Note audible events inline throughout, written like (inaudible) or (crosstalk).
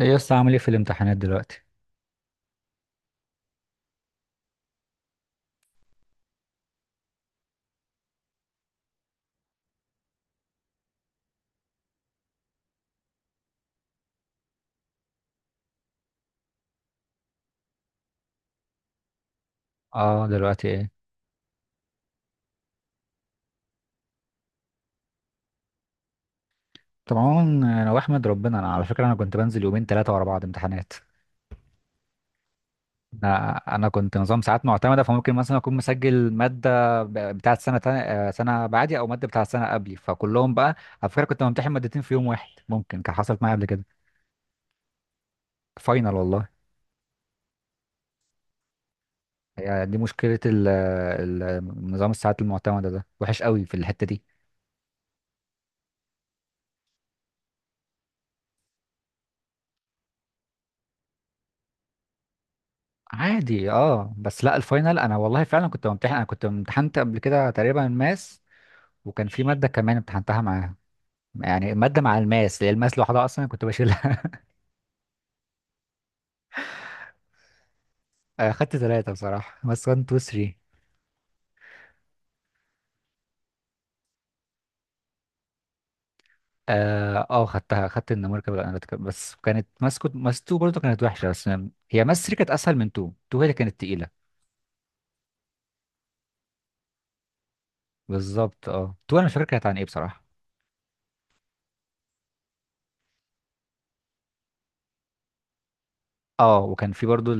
ايه يا اسطى، عامل ايه في الامتحانات دلوقتي؟ اه، دلوقتي ايه؟ طبعا، انا واحمد ربنا. انا على فكره انا كنت بنزل يومين ثلاثه ورا بعض امتحانات. انا كنت نظام ساعات معتمده، فممكن مثلا اكون مسجل ماده بتاعت سنه تانية، سنه بعدي، او ماده بتاعت سنه قبلي، فكلهم بقى. على فكره كنت بمتحن مادتين في يوم واحد، ممكن كان حصلت معايا قبل كده. فاينل والله. يعني دي مشكله نظام الساعات المعتمده ده وحش قوي في الحته دي. عادي، اه، بس لا الفاينل، انا والله فعلا كنت بمتحن، انا كنت امتحنت قبل كده تقريبا ماس، وكان في مادة كمان امتحنتها معاها. يعني مادة مع الماس، اللي الماس لوحدها أصلا كنت بشيلها. (laughs) خدت ثلاثة بصراحة، ماس 1 2 3. خدت النوميريكال والاناليتيكال، بس كانت ماس. كنت ماس 2 برضه كانت وحشة، بس هي ماس 3 كانت أسهل من 2. 2 هي اللي كانت تقيلة. بالظبط، 2، أنا مش فاكر كانت عن إيه بصراحة. اه وكان في برضه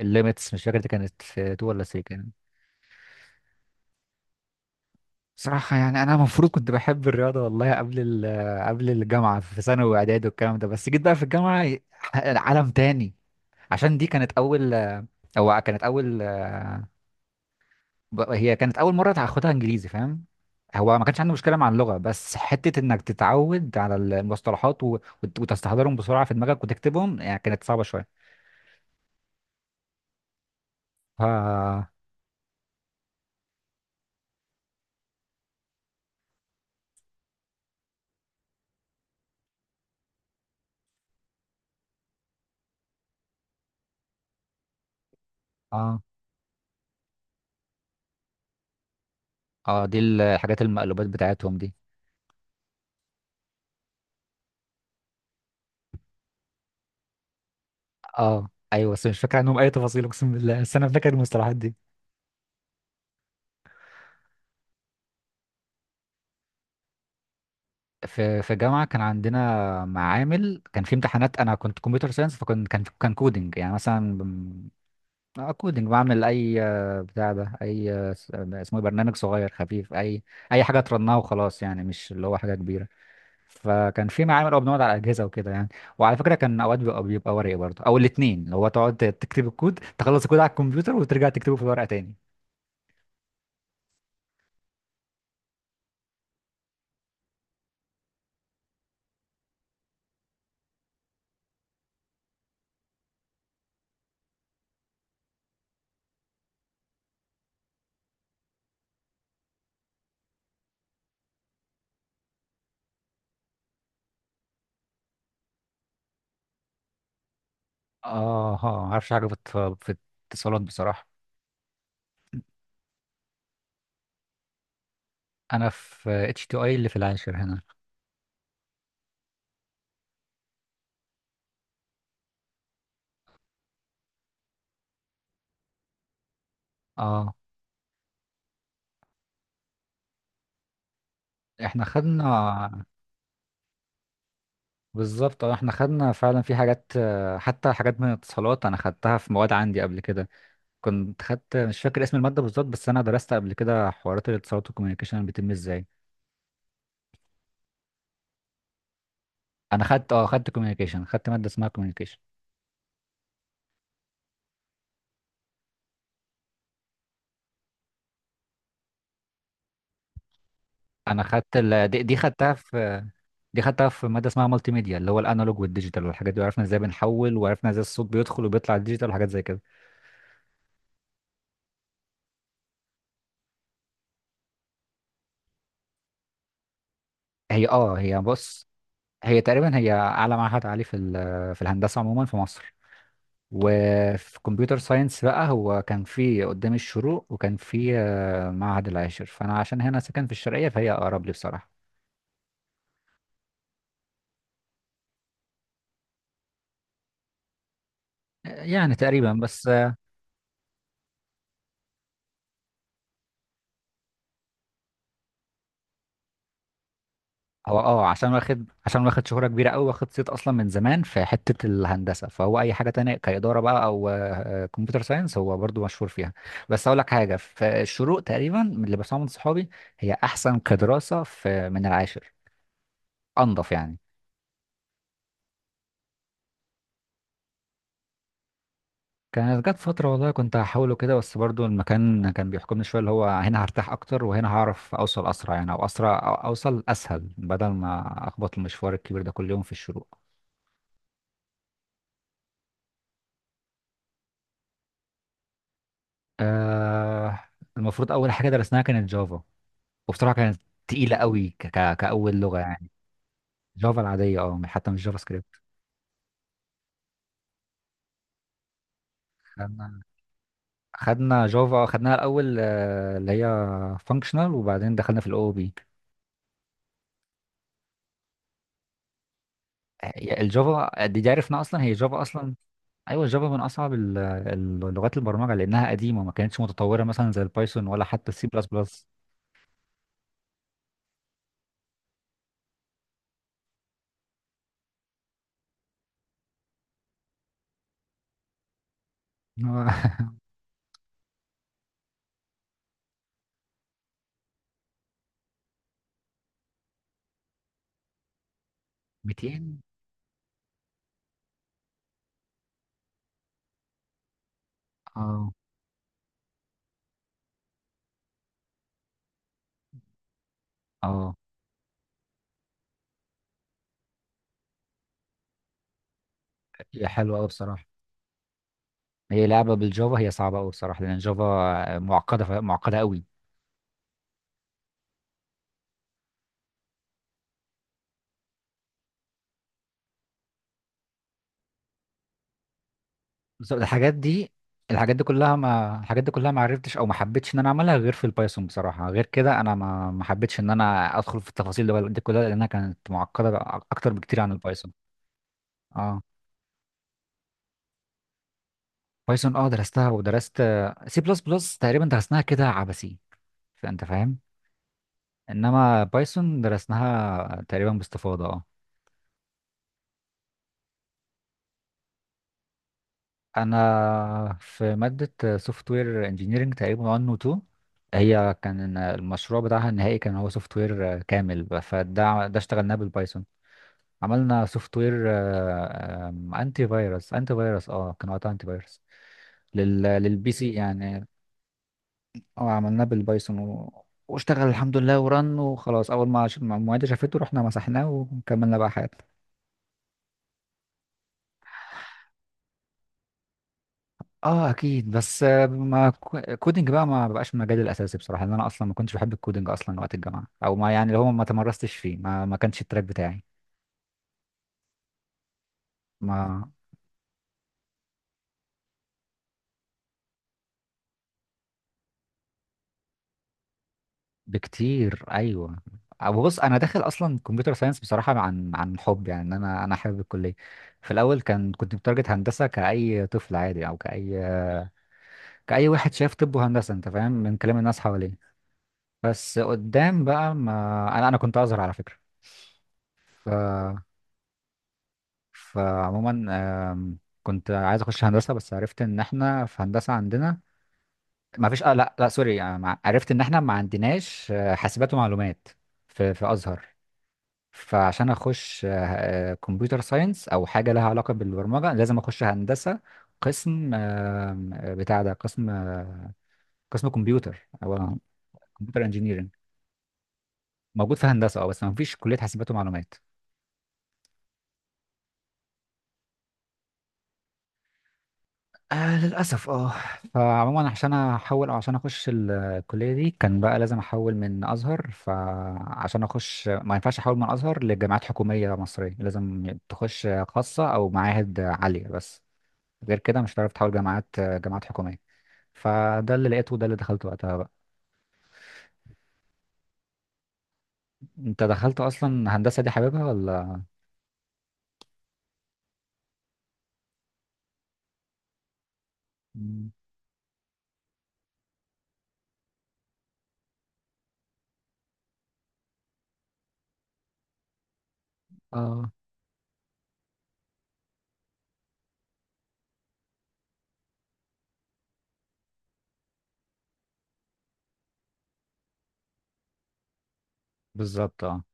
الليميتس، مش فاكر دي كانت 2 ولا 3. صراحة يعني أنا المفروض كنت بحب الرياضة والله قبل قبل الجامعة، في ثانوي وإعدادي والكلام ده، بس جيت بقى في الجامعة عالم تاني. عشان دي كانت أول، أو كانت أول هي كانت أول مرة هاخدها إنجليزي، فاهم؟ هو ما كانش عندي مشكلة مع اللغة، بس حتة إنك تتعود على المصطلحات وتستحضرهم بسرعة في دماغك وتكتبهم، يعني كانت صعبة شوية، ف دي الحاجات المقلوبات بتاعتهم دي. آه أيوة، بس مش فاكر عنهم أي تفاصيل، أقسم بالله، بس أنا فاكر المصطلحات دي. في جامعة كان عندنا معامل، كان في امتحانات، انا كنت كمبيوتر ساينس، فكان كان كان كودنج يعني، مثلا كودنج، بعمل اي، بتاع ده، اي، اسمه إيه، برنامج صغير خفيف، اي اي حاجة ترنها وخلاص يعني، مش اللي هو حاجة كبيرة. فكان في معامل، او بنقعد على اجهزة وكده يعني. وعلى فكرة كان اوقات بيبقى ورقي برضه، او الاثنين، اللي هو تقعد تكتب الكود، تخلص الكود على الكمبيوتر وترجع تكتبه في الورقة تاني. اه ها ما اعرفش حاجة في في الاتصالات بصراحة. انا في اتش تي اي اللي في العاشر هنا. اه، احنا خدنا. بالظبط، اه، احنا خدنا فعلا في حاجات، حتى حاجات من الاتصالات انا خدتها في مواد عندي قبل كده. كنت خدت، مش فاكر اسم المادة بالظبط، بس انا درست قبل كده حوارات الاتصالات والكوميونيكيشن بتتم ازاي. انا خدت، خدت كوميونيكيشن، خدت مادة اسمها كوميونيكيشن. انا خدت ال... دي, دي خدتها في دي خدتها في مادة اسمها مالتي ميديا، اللي هو الانالوج والديجيتال والحاجات دي، وعرفنا ازاي بنحول، وعرفنا ازاي الصوت بيدخل وبيطلع الديجيتال وحاجات زي كده. هي بص، هي تقريبا اعلى معهد عالي في في الهندسة عموما في مصر. وفي كمبيوتر ساينس بقى، هو كان في قدام الشروق، وكان في معهد العاشر، فانا عشان هنا ساكن في الشرقيه فهي اقرب لي بصراحه. يعني تقريبا، بس هو عشان واخد شهره كبيره قوي، واخد صيت اصلا من زمان في حته الهندسه، فهو اي حاجه تانية كاداره بقى، او كمبيوتر ساينس هو برضو مشهور فيها. بس اقول لك حاجه، في الشروق تقريبا من اللي بسمعه من صحابي، هي احسن كدراسه في من العاشر، انضف يعني. كانت جت فترة والله كنت هحاوله كده، بس برضو المكان كان بيحكمني شوية، اللي هو هنا هرتاح أكتر وهنا هعرف أوصل أسرع، يعني أو أسرع أو أوصل أسهل، بدل ما أخبط المشوار الكبير ده كل يوم في الشروق. آه المفروض أول حاجة درسناها كانت جافا، وبصراحة كانت تقيلة قوي ك ك كأول لغة يعني. جافا العادية، حتى مش جافا سكريبت. خدنا خدنا جافا، خدناها الأول، اللي هي فانكشنال، وبعدين دخلنا في الأو بي. الجافا دي، عرفنا أصلا هي جافا أصلا. ايوه، جافا من اصعب لغات البرمجه، لانها قديمه، ما كانتش متطوره مثلا زي البايثون ولا حتى السي بلس بلس. (laughs) 200. اه اه هي حلوه قوي بصراحه. هي لعبه بالجافا، هي صعبه قوي بصراحه، لان الجافا معقده معقده قوي. بس الحاجات دي، الحاجات دي كلها ما عرفتش او ما حبيتش ان انا اعملها غير في البايثون بصراحه، غير كده انا ما حبيتش ان انا ادخل في التفاصيل دي كلها لانها كانت معقده، اكتر بكتير عن البايثون. اه بايثون، درستها، ودرست سي بلس بلس تقريبا درسناها كده عبثي، فانت فاهم. انما بايثون درسناها تقريبا باستفاضه، اه. انا في ماده سوفت وير انجينيرنج تقريبا 1 و 2، هي كان المشروع بتاعها النهائي كان هو سوفت وير كامل، فده اشتغلناه بالبايثون. عملنا سوفت وير انتي فيروس، كان وقتها انتي فيروس للبي سي يعني. اه، عملناه بالبايثون واشتغل الحمد لله، ورن وخلاص. اول ما المعيدة شافته رحنا مسحناه وكملنا بقى حياتنا. اه اكيد، بس آه، ما كو- كودينج بقى ما بقاش مجالي الاساسي بصراحة، لان انا اصلا ما كنتش بحب الكودينج اصلا وقت الجامعة، او ما يعني اللي هو ما تمرستش فيه، ما كانش التراك بتاعي. ما بكتير، ايوه. أو بص، انا داخل اصلا كمبيوتر ساينس بصراحة عن حب يعني، إن انا حابب الكلية. في الاول كان كنت متارجت هندسة، كأي طفل عادي، او كأي واحد شايف، طب وهندسة انت فاهم من كلام الناس حواليه. بس قدام بقى ما انا كنت ازهر على فكرة. ف فعموما، آم، كنت عايز اخش هندسة، بس عرفت ان احنا في هندسة عندنا ما فيش، لا لا سوري، عرفت ان احنا ما عندناش، حاسبات ومعلومات في ازهر. فعشان اخش، كمبيوتر ساينس او حاجة لها علاقة بالبرمجة، لازم اخش هندسة قسم، آم، آه، بتاع ده قسم، قسم كمبيوتر، او كمبيوتر انجينيرنج. موجود في هندسه، اه، بس ما فيش كليه حاسبات ومعلومات. للاسف، اه. فعموما عشان احول او عشان اخش الكليه دي، كان بقى لازم احول من ازهر، فعشان اخش ما ينفعش احول من ازهر لجامعات حكوميه مصريه، لازم تخش خاصه او معاهد عاليه بس. غير كده مش هتعرف تحول جامعات، حكوميه. فده اللي لقيته، وده اللي دخلته وقتها بقى. انت دخلت اصلا هندسه دي حاببها ولا؟ مم. اه، بالظبط، اه.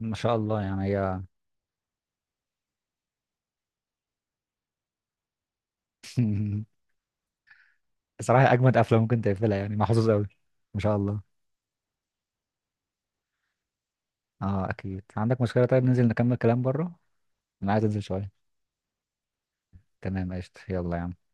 ما شاء الله يعني. هي (laughs) بصراحة أجمد أفلام ممكن تقفلها، يعني محظوظ أوي. ما شاء الله. أكيد عندك مشكلة، طيب ننزل نكمل كلام بره، أنا عايز أنزل شوية. تمام قشطة، يلا يا عم.